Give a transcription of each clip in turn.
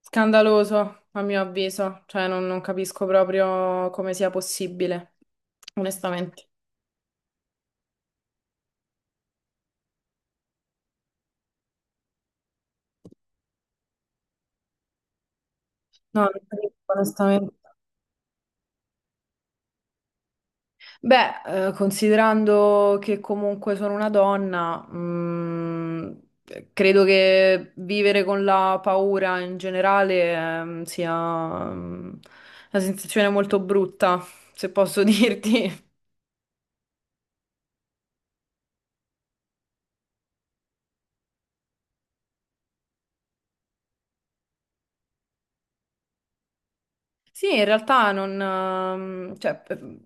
Scandaloso, a mio avviso, cioè non capisco proprio come sia possibile, onestamente. No, non capisco, onestamente. Beh, considerando che comunque sono una donna, credo che vivere con la paura in generale, sia, mm, una sensazione molto brutta, se posso dirti. Sì, in realtà non, cioè,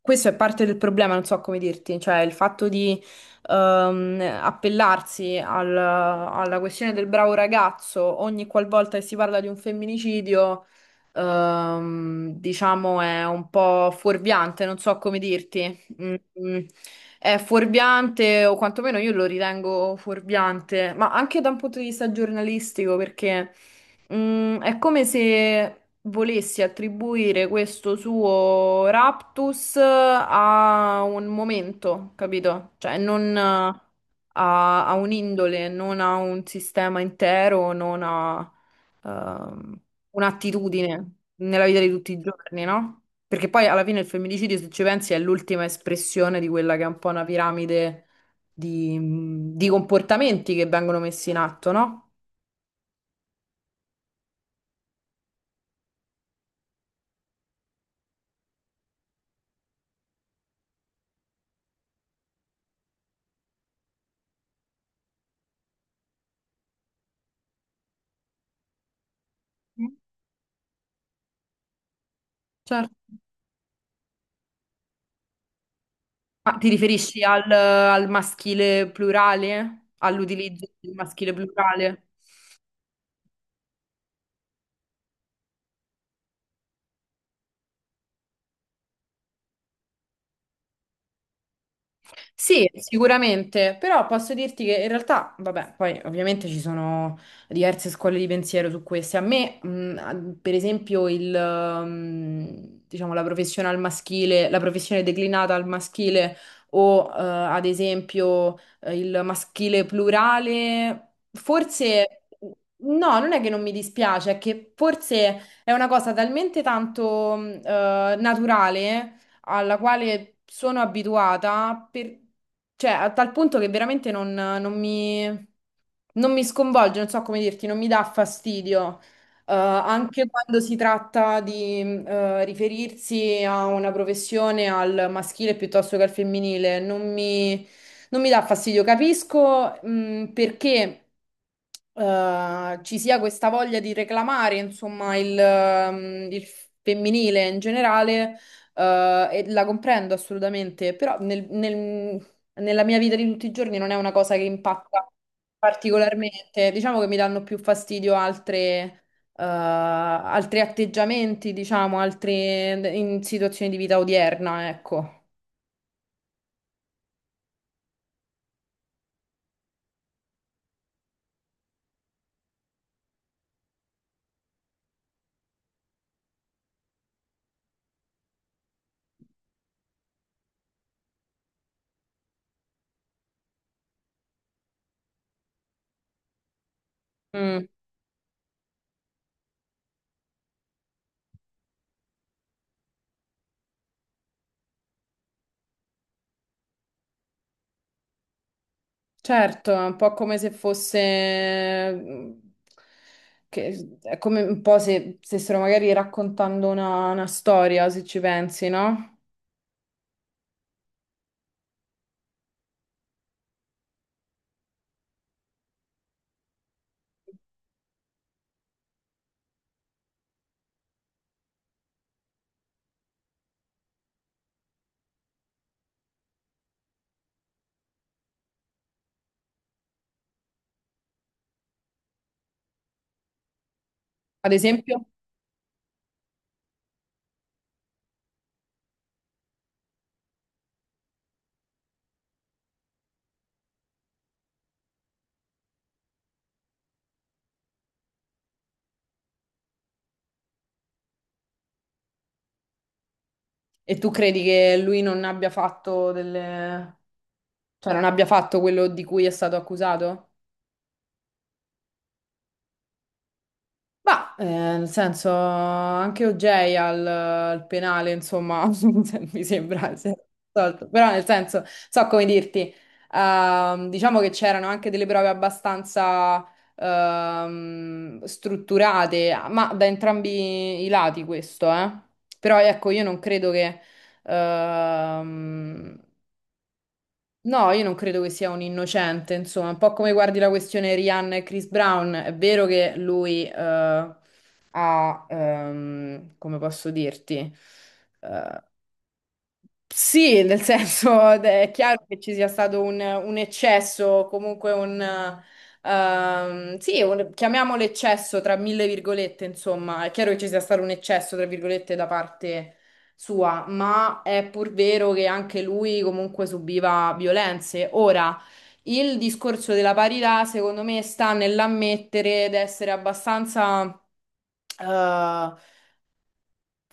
questo è parte del problema, non so come dirti, cioè il fatto di appellarsi alla questione del bravo ragazzo ogni qualvolta che si parla di un femminicidio, diciamo, è un po' fuorviante, non so come dirti. Mm, mm. È fuorviante, o quantomeno io lo ritengo fuorviante, ma anche da un punto di vista giornalistico, perché è come se volessi attribuire questo suo raptus a un momento, capito? Cioè, non a un'indole, non a un sistema intero, non a ehm, un'attitudine nella vita di tutti i giorni, no? Perché poi alla fine il femminicidio, se ci pensi, è l'ultima espressione di quella che è un po' una piramide di, di comportamenti che vengono messi in atto, no? Certo. Ma ti riferisci al maschile plurale? All'utilizzo del maschile plurale? Sì, sicuramente, però posso dirti che in realtà, vabbè, poi ovviamente ci sono diverse scuole di pensiero su queste. A me, a- per esempio, il diciamo, la professione al maschile, la professione declinata al maschile o, ad esempio, il maschile plurale, forse, no, non è che non mi dispiace, è che forse è una cosa talmente tanto, naturale alla quale sono abituata, per- cioè a tal punto che veramente non mi sconvolge, non so come dirti, non mi dà fastidio. Anche quando si tratta di riferirsi a una professione al maschile piuttosto che al femminile, non mi, non mi dà fastidio. Capisco perché ci sia questa voglia di reclamare, insomma, il il femminile in generale, e la comprendo assolutamente, però nella mia vita di tutti i giorni non è una cosa che impatta particolarmente. Diciamo che mi danno più fastidio altre, altri atteggiamenti, diciamo, altre in situazioni di vita odierna, ecco. Mm, certo, è un po' come se fosse... mm, che, è come un po' se stessero magari raccontando una storia, se ci pensi, no? Ad esempio... E tu credi che lui non abbia fatto delle... cioè non abbia fatto quello di cui è stato accusato? Ma, nel senso, anche OJ al penale, insomma, se- mi sembra si è risolto. Però nel senso, so come dirti, diciamo che c'erano anche delle prove abbastanza strutturate, ma da entrambi i lati questo, eh. Però ecco, io non credo che... Ehm, no, io non credo che sia un innocente, insomma, un po' come guardi la questione Rihanna e Chris Brown, è vero che lui ha, come posso dirti, eh, sì, nel senso è chiaro che ci sia stato un eccesso, comunque un... sì, un- chiamiamolo eccesso tra mille virgolette, insomma, è chiaro che ci sia stato un eccesso, tra virgolette, da parte sua, ma è pur vero che anche lui comunque subiva violenze. Ora, il discorso della parità, secondo me, sta nell'ammettere ed essere abbastanza... eh,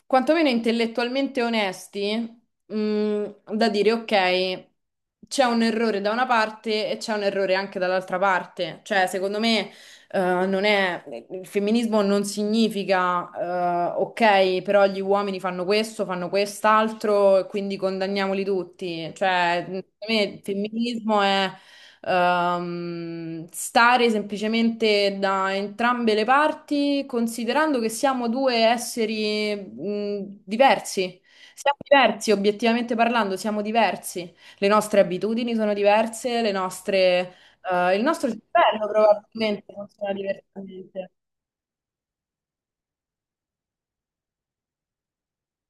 quantomeno intellettualmente onesti, da dire ok, c'è un errore da una parte e c'è un errore anche dall'altra parte. Cioè, secondo me, eh, non è, il femminismo non significa, ok, però gli uomini fanno questo, fanno quest'altro e quindi condanniamoli tutti. Cioè, secondo me il femminismo è stare semplicemente da entrambe le parti, considerando che siamo due esseri, diversi. Siamo diversi, obiettivamente parlando, siamo diversi. Le nostre abitudini sono diverse, le nostre, il nostro cervello probabilmente funziona diversamente.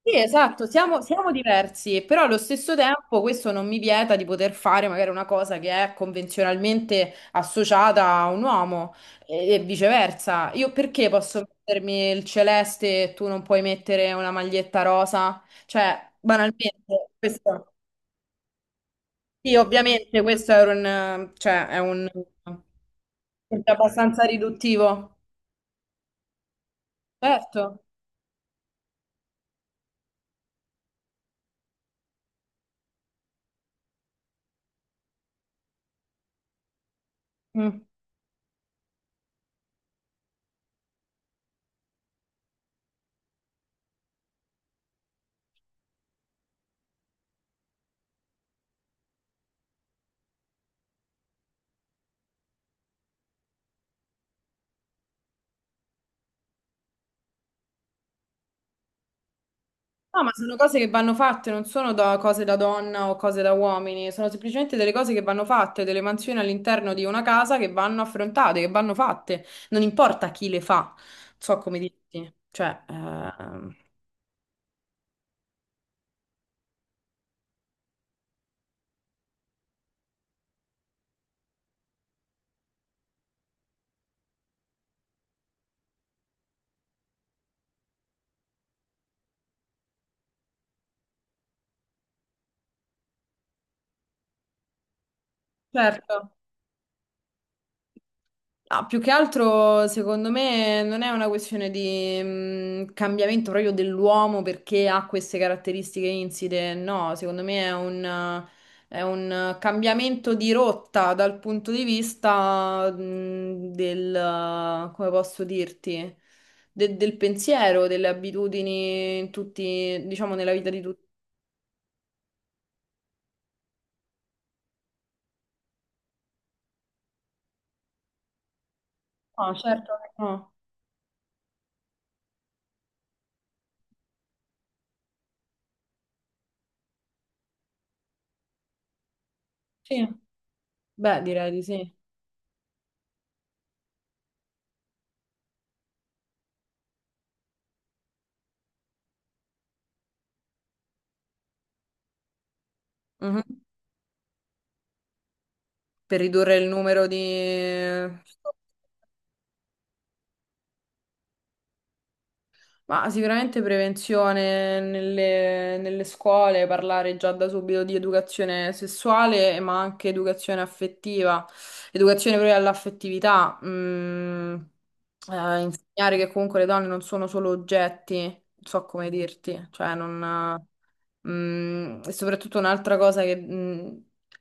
Sì, esatto, siamo diversi, però allo stesso tempo questo non mi vieta di poter fare magari una cosa che è convenzionalmente associata a un uomo e viceversa. Io perché posso mettermi il celeste e tu non puoi mettere una maglietta rosa? Cioè, banalmente, questo, sì, ovviamente questo è un, cioè, è un, è abbastanza riduttivo. Certo. Mm. No, ma sono cose che vanno fatte, non sono da cose da donna o cose da uomini, sono semplicemente delle cose che vanno fatte, delle mansioni all'interno di una casa che vanno affrontate, che vanno fatte, non importa chi le fa, non so come dirti, cioè, certo. No, più che altro, secondo me, non è una questione di cambiamento proprio dell'uomo perché ha queste caratteristiche inside. No, secondo me è un cambiamento di rotta dal punto di vista del, come posso dirti, del pensiero, delle abitudini, in tutti, diciamo, nella vita di tutti. No, certo che no. Sì, beh, direi di sì. Mhm. Per ridurre il numero di... Ma sicuramente prevenzione nelle scuole, parlare già da subito di educazione sessuale, ma anche educazione affettiva, educazione proprio all'affettività, mm, insegnare che comunque le donne non sono solo oggetti, non so come dirti, cioè non... Mm, e soprattutto un'altra cosa che, mm,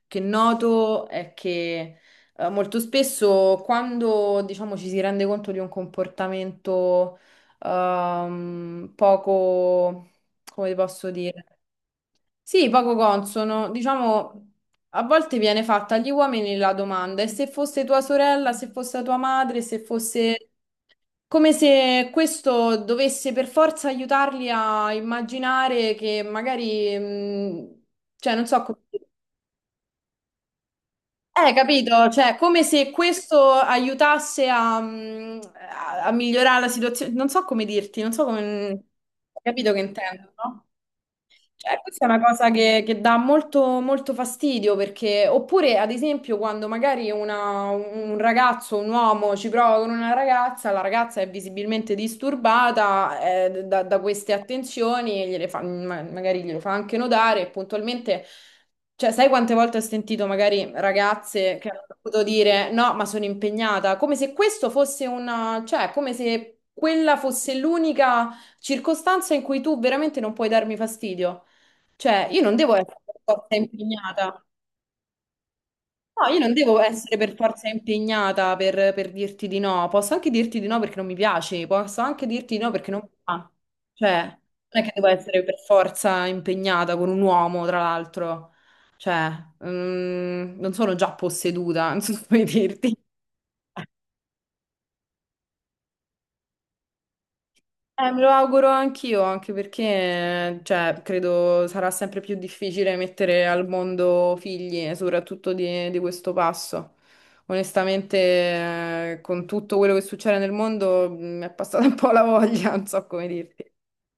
che noto è che molto spesso quando diciamo ci si rende conto di un comportamento poco, come ti posso dire? Sì, poco consono, diciamo a volte viene fatta agli uomini la domanda: e se fosse tua sorella, se fosse tua madre, se mm. Fosse come se questo dovesse per forza aiutarli a immaginare che magari, cioè non so come... capito? Cioè, come se questo aiutasse a, a- a migliorare la situazione. Non so come dirti, non so come... Hai capito che intendo, no? Cioè, questa è una cosa che dà molto, molto fastidio perché, oppure ad esempio, quando magari un ragazzo, un uomo ci prova con una ragazza, la ragazza è visibilmente disturbata da queste attenzioni e magari glielo fa anche notare e puntualmente, cioè, sai quante volte ho sentito magari ragazze che hanno dovuto dire no, ma sono impegnata, come se questo fosse una, cioè, come se quella fosse l'unica circostanza in cui tu veramente non puoi darmi fastidio. Cioè, io non devo essere per forza impegnata. No, io non devo essere per forza impegnata per dirti di no. Posso anche dirti di no perché non mi piaci, posso anche dirti di no perché non mi fa. Cioè, non è che devo essere per forza impegnata con un uomo, tra l'altro. Cioè, mm, non sono già posseduta, non so come dirti. Me lo auguro anch'io, anche perché, cioè, credo sarà sempre più difficile mettere al mondo figli, soprattutto di questo passo. Onestamente, con tutto quello che succede nel mondo, mi è passata un po' la voglia, non so come dirti.